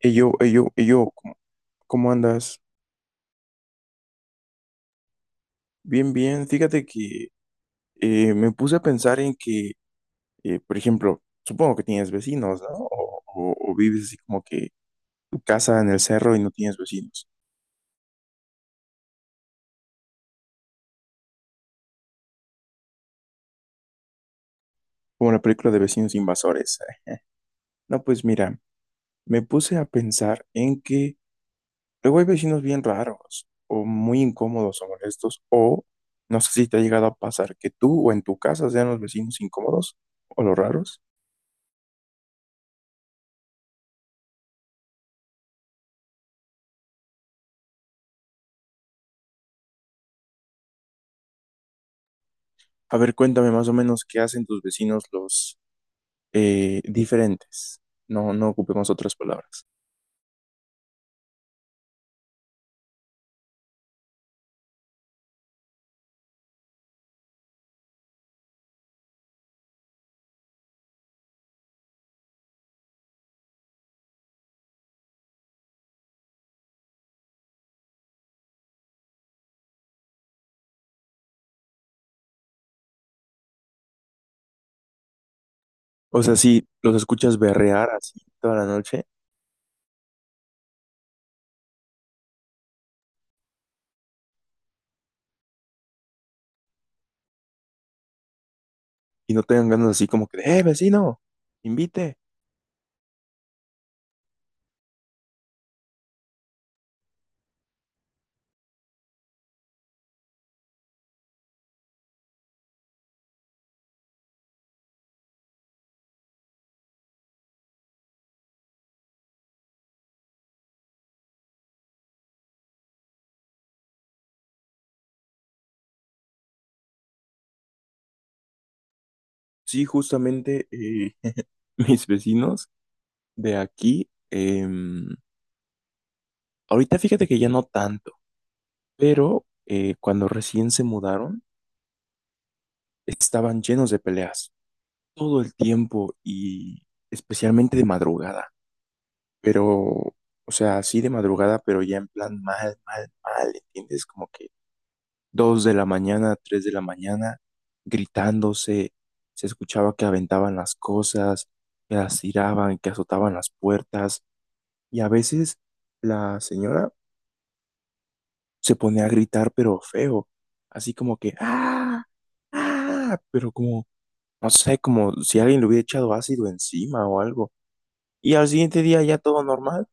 Y yo, ¿cómo cómo andas? Bien, bien. Fíjate que me puse a pensar en que, por ejemplo, supongo que tienes vecinos, ¿no? O, o vives así como que tu casa en el cerro y no tienes vecinos, como la película de Vecinos Invasores. No, pues mira, me puse a pensar en que luego hay vecinos bien raros, o muy incómodos o molestos, o no sé si te ha llegado a pasar que tú o en tu casa sean los vecinos incómodos o los raros. A ver, cuéntame más o menos qué hacen tus vecinos los diferentes. No ocupemos otras palabras. O sea, si los escuchas berrear así toda la noche y no tengan ganas así como que, ¡eh, vecino! ¡Invite! Sí, justamente mis vecinos de aquí, ahorita fíjate que ya no tanto, pero cuando recién se mudaron, estaban llenos de peleas todo el tiempo y especialmente de madrugada. Pero, o sea, así de madrugada, pero ya en plan mal, mal, mal, ¿entiendes? Como que dos de la mañana, tres de la mañana, gritándose, se escuchaba que aventaban las cosas, que las tiraban, que azotaban las puertas, y a veces la señora se ponía a gritar, pero feo, así como que, ¡ah! ¡Ah! Pero como, no sé, como si alguien le hubiera echado ácido encima o algo. Y al siguiente día ya todo normal.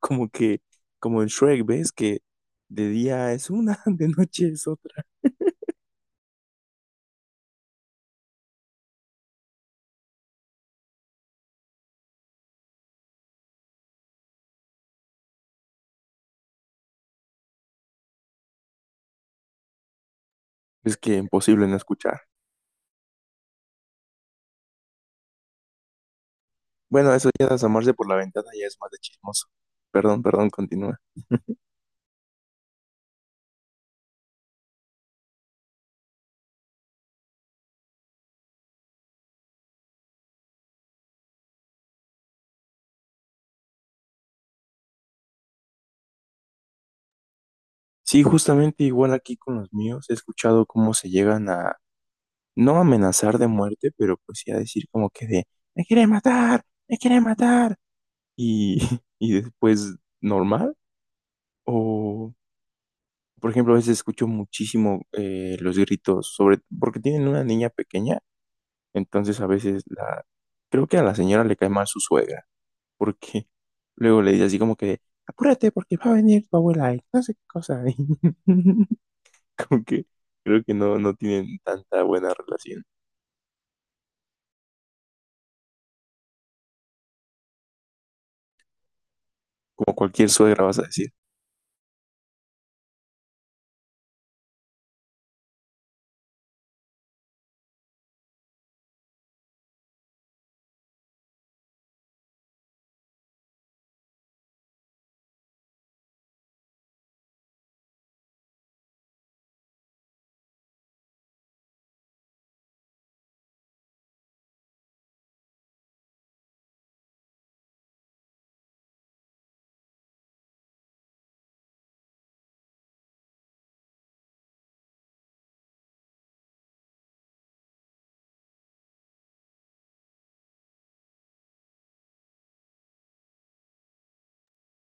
Como que, como en Shrek, ¿ves? Que de día es una, de noche es otra. Es que imposible no escuchar. Bueno, eso ya de asomarse por la ventana ya es más de chismoso. Perdón, continúa. Sí, justamente igual aquí con los míos he escuchado cómo se llegan a, no amenazar de muerte, pero pues sí a decir como que de, me quiere matar. Y, y después, normal. O, por ejemplo, a veces escucho muchísimo los gritos sobre, porque tienen una niña pequeña. Entonces a veces la, creo que a la señora le cae mal su suegra, porque luego le dice así como que, apúrate porque va a venir tu abuela y no sé qué cosa. Y como que creo que no tienen tanta buena relación, como cualquier suegra vas a decir.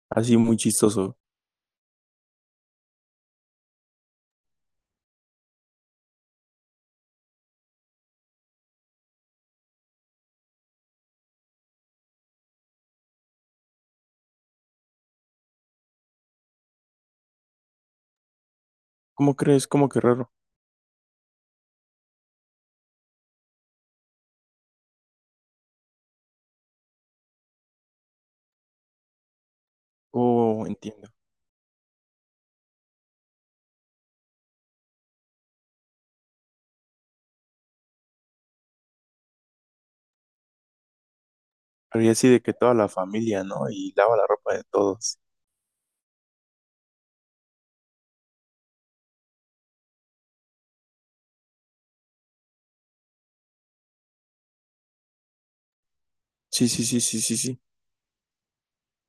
Así muy chistoso. ¿Cómo crees? ¿Cómo que raro? Oh, entiendo. Pero ya así de que toda la familia, ¿no? Y lava la ropa de todos. Sí, sí, sí, sí, sí, sí.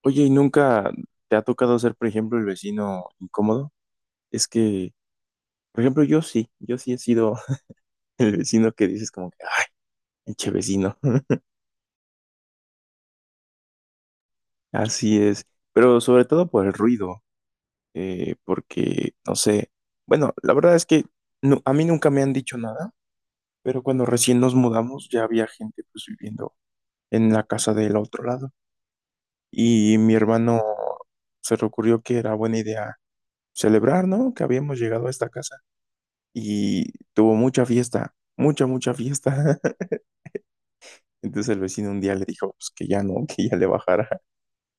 Oye, ¿y nunca te ha tocado ser, por ejemplo, el vecino incómodo? Es que por ejemplo, yo sí he sido el vecino que dices como que, ay, pinche vecino. Así es, pero sobre todo por el ruido, porque, no sé, bueno, la verdad es que a mí nunca me han dicho nada, pero cuando recién nos mudamos ya había gente pues viviendo en la casa del otro lado y mi hermano se le ocurrió que era buena idea celebrar, ¿no? Que habíamos llegado a esta casa y tuvo mucha fiesta, mucha fiesta. Entonces el vecino un día le dijo pues, que ya no, que ya le bajara,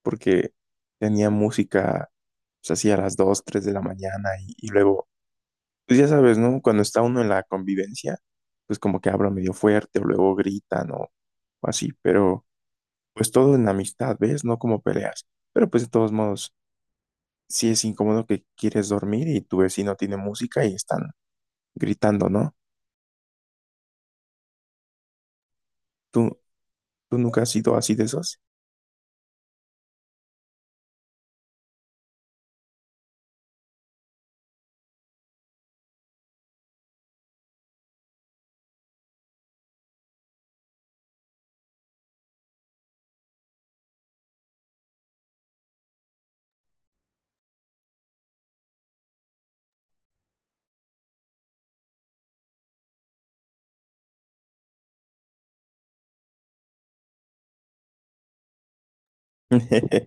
porque tenía música pues, así a las 2 3 de la mañana y luego, pues ya sabes, ¿no? Cuando está uno en la convivencia, pues como que habla medio fuerte o luego gritan o así, pero pues todo en amistad, ¿ves? No como peleas. Pero pues de todos modos, sí es incómodo que quieres dormir y tu vecino tiene música y están gritando, ¿no? ¿Tú, tú nunca has sido así de esos?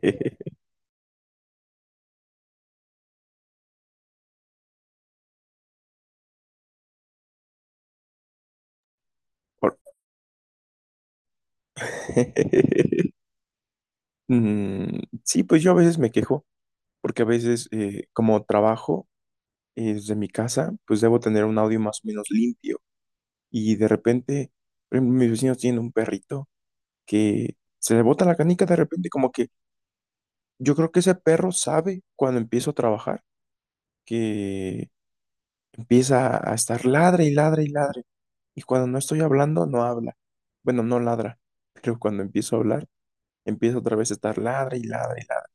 Por- Mm, sí, pues yo a veces me quejo, porque a veces como trabajo desde mi casa, pues debo tener un audio más o menos limpio. Y de repente, por ejemplo, mis vecinos tienen un perrito que se le bota la canica de repente, como que yo creo que ese perro sabe cuando empiezo a trabajar, que empieza a estar ladre y ladre y ladre. Y cuando no estoy hablando, no habla. Bueno, no ladra, pero cuando empiezo a hablar, empieza otra vez a estar ladre y ladre y ladre.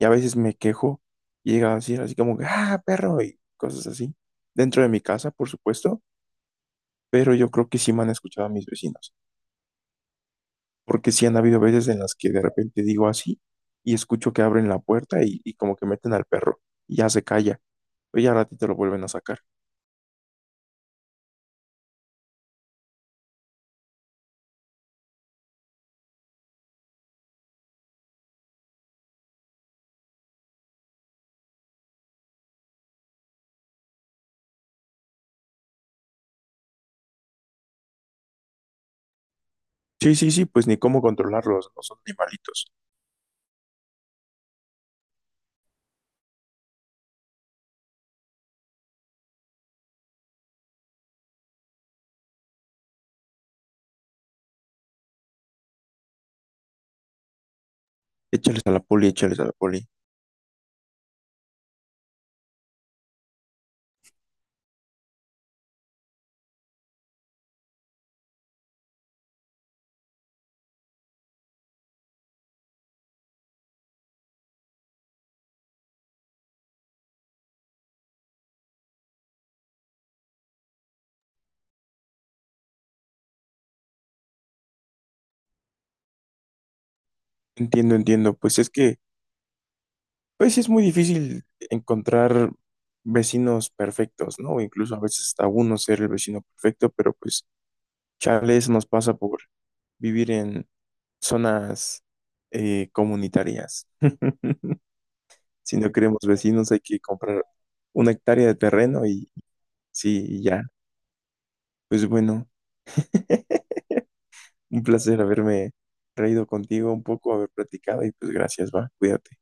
Y a veces me quejo y llega a decir así como, que, ah, perro, y cosas así, dentro de mi casa, por supuesto, pero yo creo que sí me han escuchado a mis vecinos, porque sí han habido veces en las que de repente digo así y escucho que abren la puerta y como que meten al perro y ya se calla, pero ya al ratito lo vuelven a sacar. Sí, sí, sí, pues ni cómo controlarlos, no son animalitos. Échales a la poli. Entiendo, entiendo, pues es que... Pues sí es muy difícil encontrar vecinos perfectos, ¿no? Incluso a veces hasta uno ser el vecino perfecto, pero pues chale, eso nos pasa por vivir en zonas comunitarias. Si no queremos vecinos, hay que comprar una hectárea de terreno y sí, y ya. Pues bueno, un placer haberme reído contigo un poco, haber platicado y pues gracias, va, cuídate.